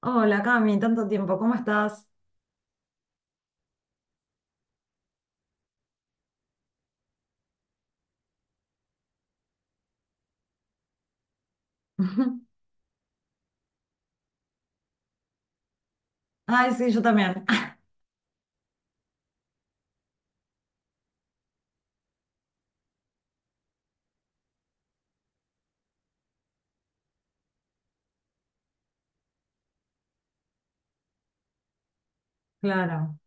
Hola, Cami, tanto tiempo, ¿cómo estás? Ay, sí, yo también. Claro,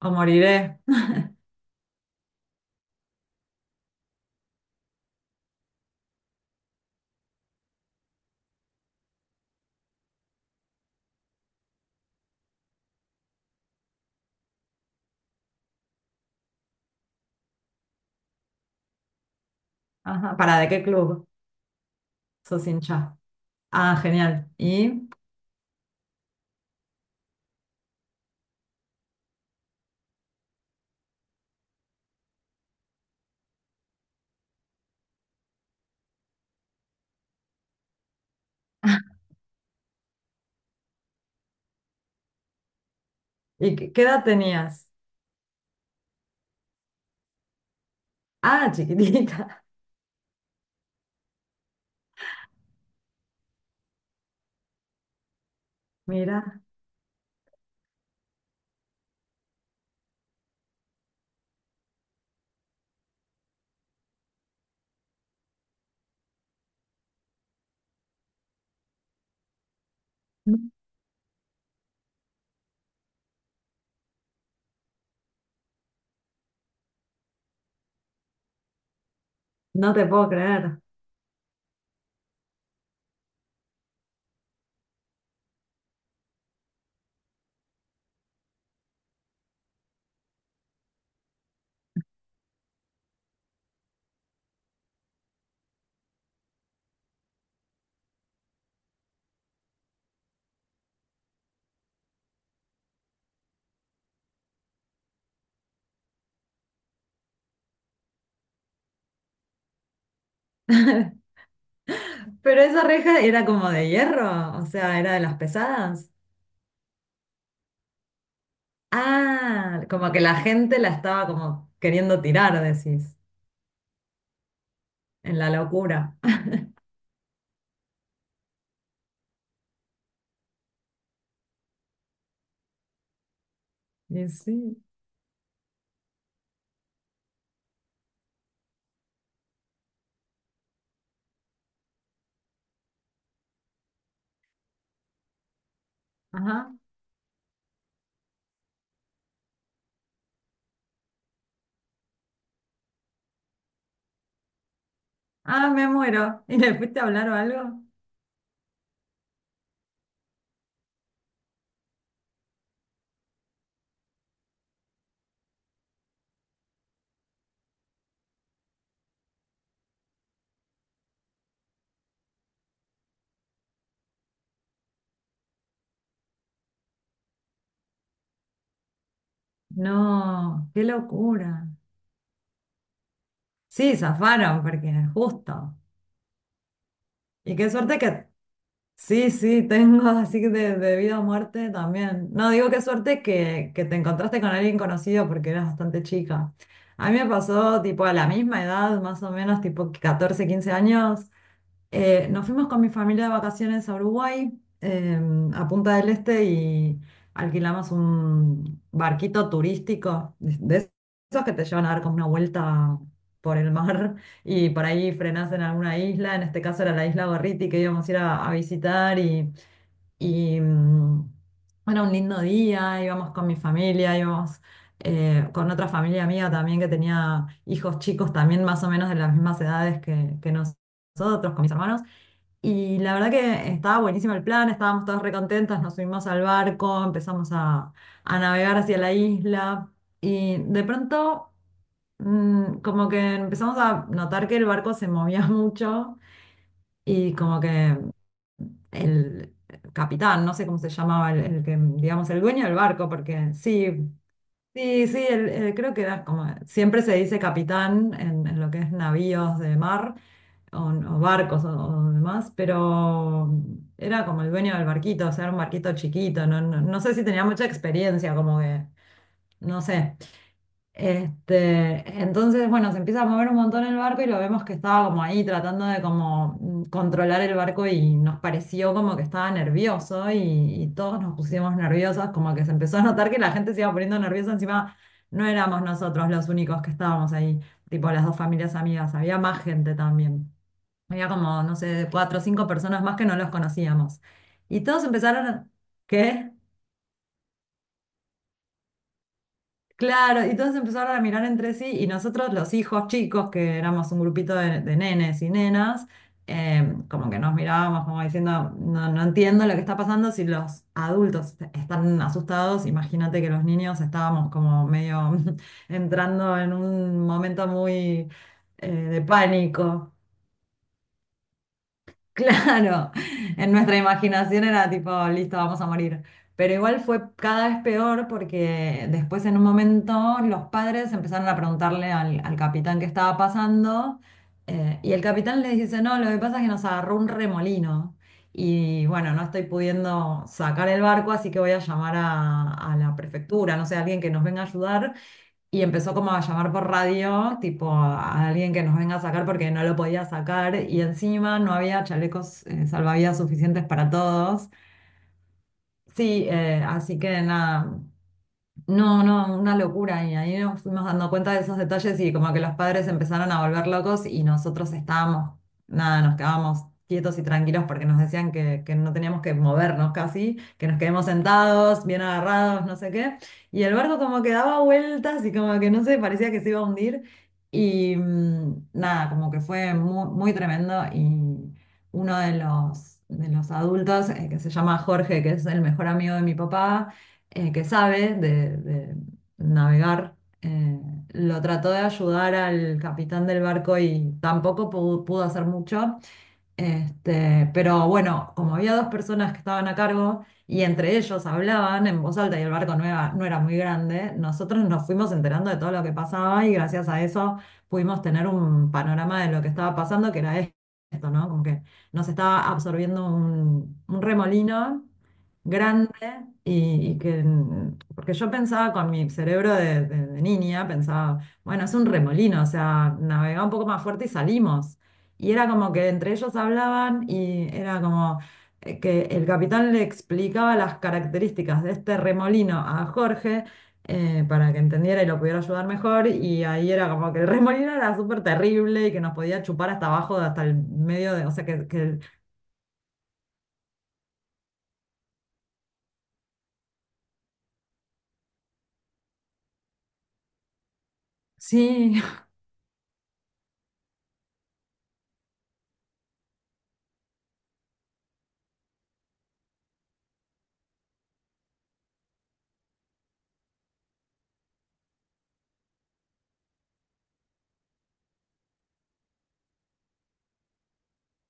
o moriré. Ajá, ¿para de qué club sos hincha? Ah, genial. ¿Y, y qué edad tenías? Ah, chiquitita. Mira, no te puedo creer. Pero esa reja era como de hierro, o sea, era de las pesadas. Ah, como que la gente la estaba como queriendo tirar, decís, en la locura. Y sí, ajá. Ah, me muero. ¿Y le fuiste a hablar o algo? No, qué locura. Sí, zafaron porque justo. Y qué suerte que... Sí, sí, tengo así de vida o muerte también. No, digo qué suerte que te encontraste con alguien conocido porque eras bastante chica. A mí me pasó tipo a la misma edad, más o menos, tipo 14, 15 años. Nos fuimos con mi familia de vacaciones a Uruguay, eh, a Punta del Este, y alquilamos un barquito turístico, de esos que te llevan a dar como una vuelta por el mar y por ahí frenás en alguna isla, en este caso era la isla Gorriti que íbamos a ir a visitar y, era un lindo día, íbamos con mi familia, íbamos con otra familia mía también que tenía hijos chicos también más o menos de las mismas edades que nosotros, con mis hermanos. Y la verdad que estaba buenísimo el plan, estábamos todos recontentos, nos subimos al barco, empezamos a navegar hacia la isla y de pronto como que empezamos a notar que el barco se movía mucho y como que el capitán, no sé cómo se llamaba, el que, digamos, el dueño del barco, porque sí, sí, sí, creo que era como, siempre se dice capitán en lo que es navíos de mar o barcos o demás, pero era como el dueño del barquito, o sea, era un barquito chiquito, no, no, no sé si tenía mucha experiencia, como que, no sé. Este, entonces, bueno, se empieza a mover un montón el barco y lo vemos que estaba como ahí tratando de como controlar el barco y nos pareció como que estaba nervioso y todos nos pusimos nerviosos, como que se empezó a notar que la gente se iba poniendo nerviosa, encima no éramos nosotros los únicos que estábamos ahí, tipo las dos familias amigas, había más gente también. Había como, no sé, cuatro o cinco personas más que no los conocíamos. Y todos empezaron a... ¿Qué? Claro, y todos empezaron a mirar entre sí y nosotros los hijos chicos, que éramos un grupito de nenes y nenas, como que nos mirábamos como diciendo, no, no entiendo lo que está pasando si los adultos están asustados, imagínate que los niños estábamos como medio entrando en un momento muy de pánico. Claro, en nuestra imaginación era tipo, listo, vamos a morir. Pero igual fue cada vez peor porque después en un momento los padres empezaron a preguntarle al, al capitán qué estaba pasando y el capitán les dice, no, lo que pasa es que nos agarró un remolino y bueno, no estoy pudiendo sacar el barco, así que voy a llamar a la prefectura, no sé, alguien que nos venga a ayudar y empezó como a llamar por radio, tipo a, alguien que nos venga a sacar porque no lo podía sacar y encima no había chalecos salvavidas suficientes para todos. Sí, así que nada, no, no, una locura. Y ahí nos fuimos dando cuenta de esos detalles y como que los padres empezaron a volver locos y nosotros estábamos, nada, nos quedábamos quietos y tranquilos porque nos decían que no teníamos que movernos casi, que nos quedemos sentados, bien agarrados, no sé qué. Y el barco como que daba vueltas y como que no sé, parecía que se iba a hundir. Y nada, como que fue muy, muy tremendo y uno de los adultos, que se llama Jorge, que es el mejor amigo de mi papá que sabe de navegar, eh, lo trató de ayudar al capitán del barco y tampoco pudo, pudo hacer mucho. Este, pero bueno, como había dos personas que estaban a cargo y entre ellos hablaban en voz alta y el barco no era, no era muy grande, nosotros nos fuimos enterando de todo lo que pasaba y gracias a eso pudimos tener un panorama de lo que estaba pasando, que era esto, ¿no? Como que nos estaba absorbiendo un remolino grande y que, porque yo pensaba con mi cerebro de, de niña, pensaba, bueno, es un remolino, o sea, navegá un poco más fuerte y salimos. Y era como que entre ellos hablaban y era como que el capitán le explicaba las características de este remolino a Jorge. Para que entendiera y lo pudiera ayudar mejor, y ahí era como que el remolino era súper terrible y que nos podía chupar hasta abajo, hasta el medio de, o sea, que- sí,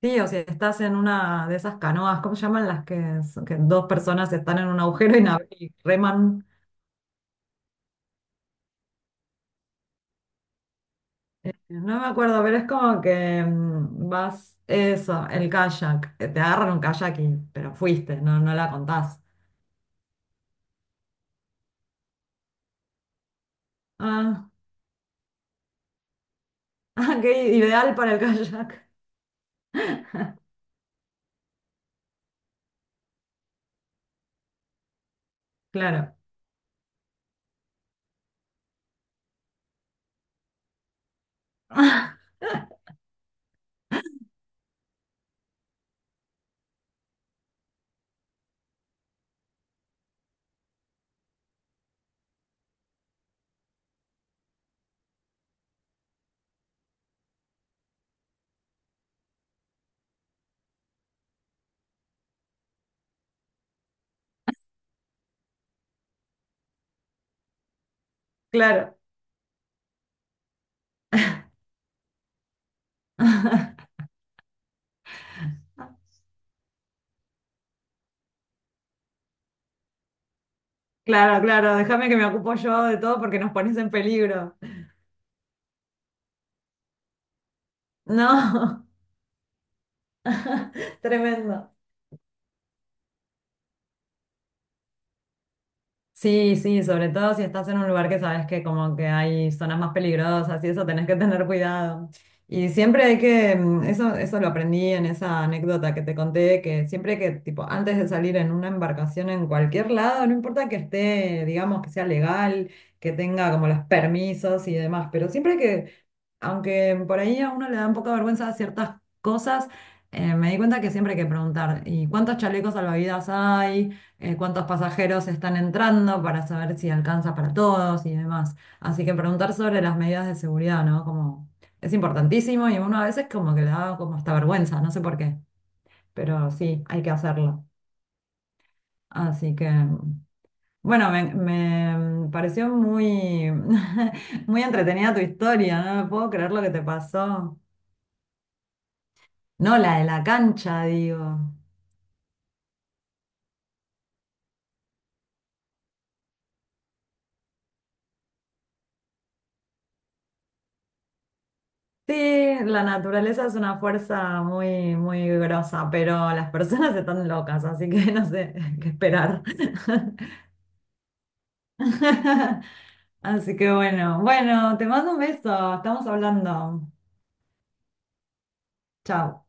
sí, o si estás en una de esas canoas, ¿cómo se llaman las que, son- que dos personas están en un agujero y, y reman? No me acuerdo, pero es como que vas, eso, el kayak, te agarran un kayak y, pero fuiste, no, no la contás. Ah, ah, qué ideal para el kayak. Claro, claro. Claro, claro, déjame que me ocupo yo de todo porque nos pones en peligro. No, tremendo. Sí, sí, sobre todo si estás en un lugar que sabes que como que hay zonas más peligrosas y eso tenés que tener cuidado. Y siempre hay que, eso, eso lo aprendí en esa anécdota que te conté, que siempre que, tipo, antes de salir en una embarcación en cualquier lado, no importa que esté, digamos, que sea legal, que tenga como los permisos y demás, pero siempre que aunque por ahí a uno le da un poco de vergüenza ciertas cosas, me di cuenta que siempre hay que preguntar, ¿y cuántos chalecos salvavidas hay? ¿Cuántos pasajeros están entrando para saber si alcanza para todos y demás? Así que preguntar sobre las medidas de seguridad, ¿no? Como es importantísimo y uno a veces como que le da como hasta vergüenza, no sé por qué, pero sí, hay que hacerlo. Así que, bueno, me pareció muy, muy entretenida tu historia, no me puedo creer lo que te pasó. No, la de la cancha, digo. Sí, la naturaleza es una fuerza muy, muy grosa, pero las personas están locas, así que no sé qué esperar. Así que bueno, bueno, te mando un beso, estamos hablando. Chao.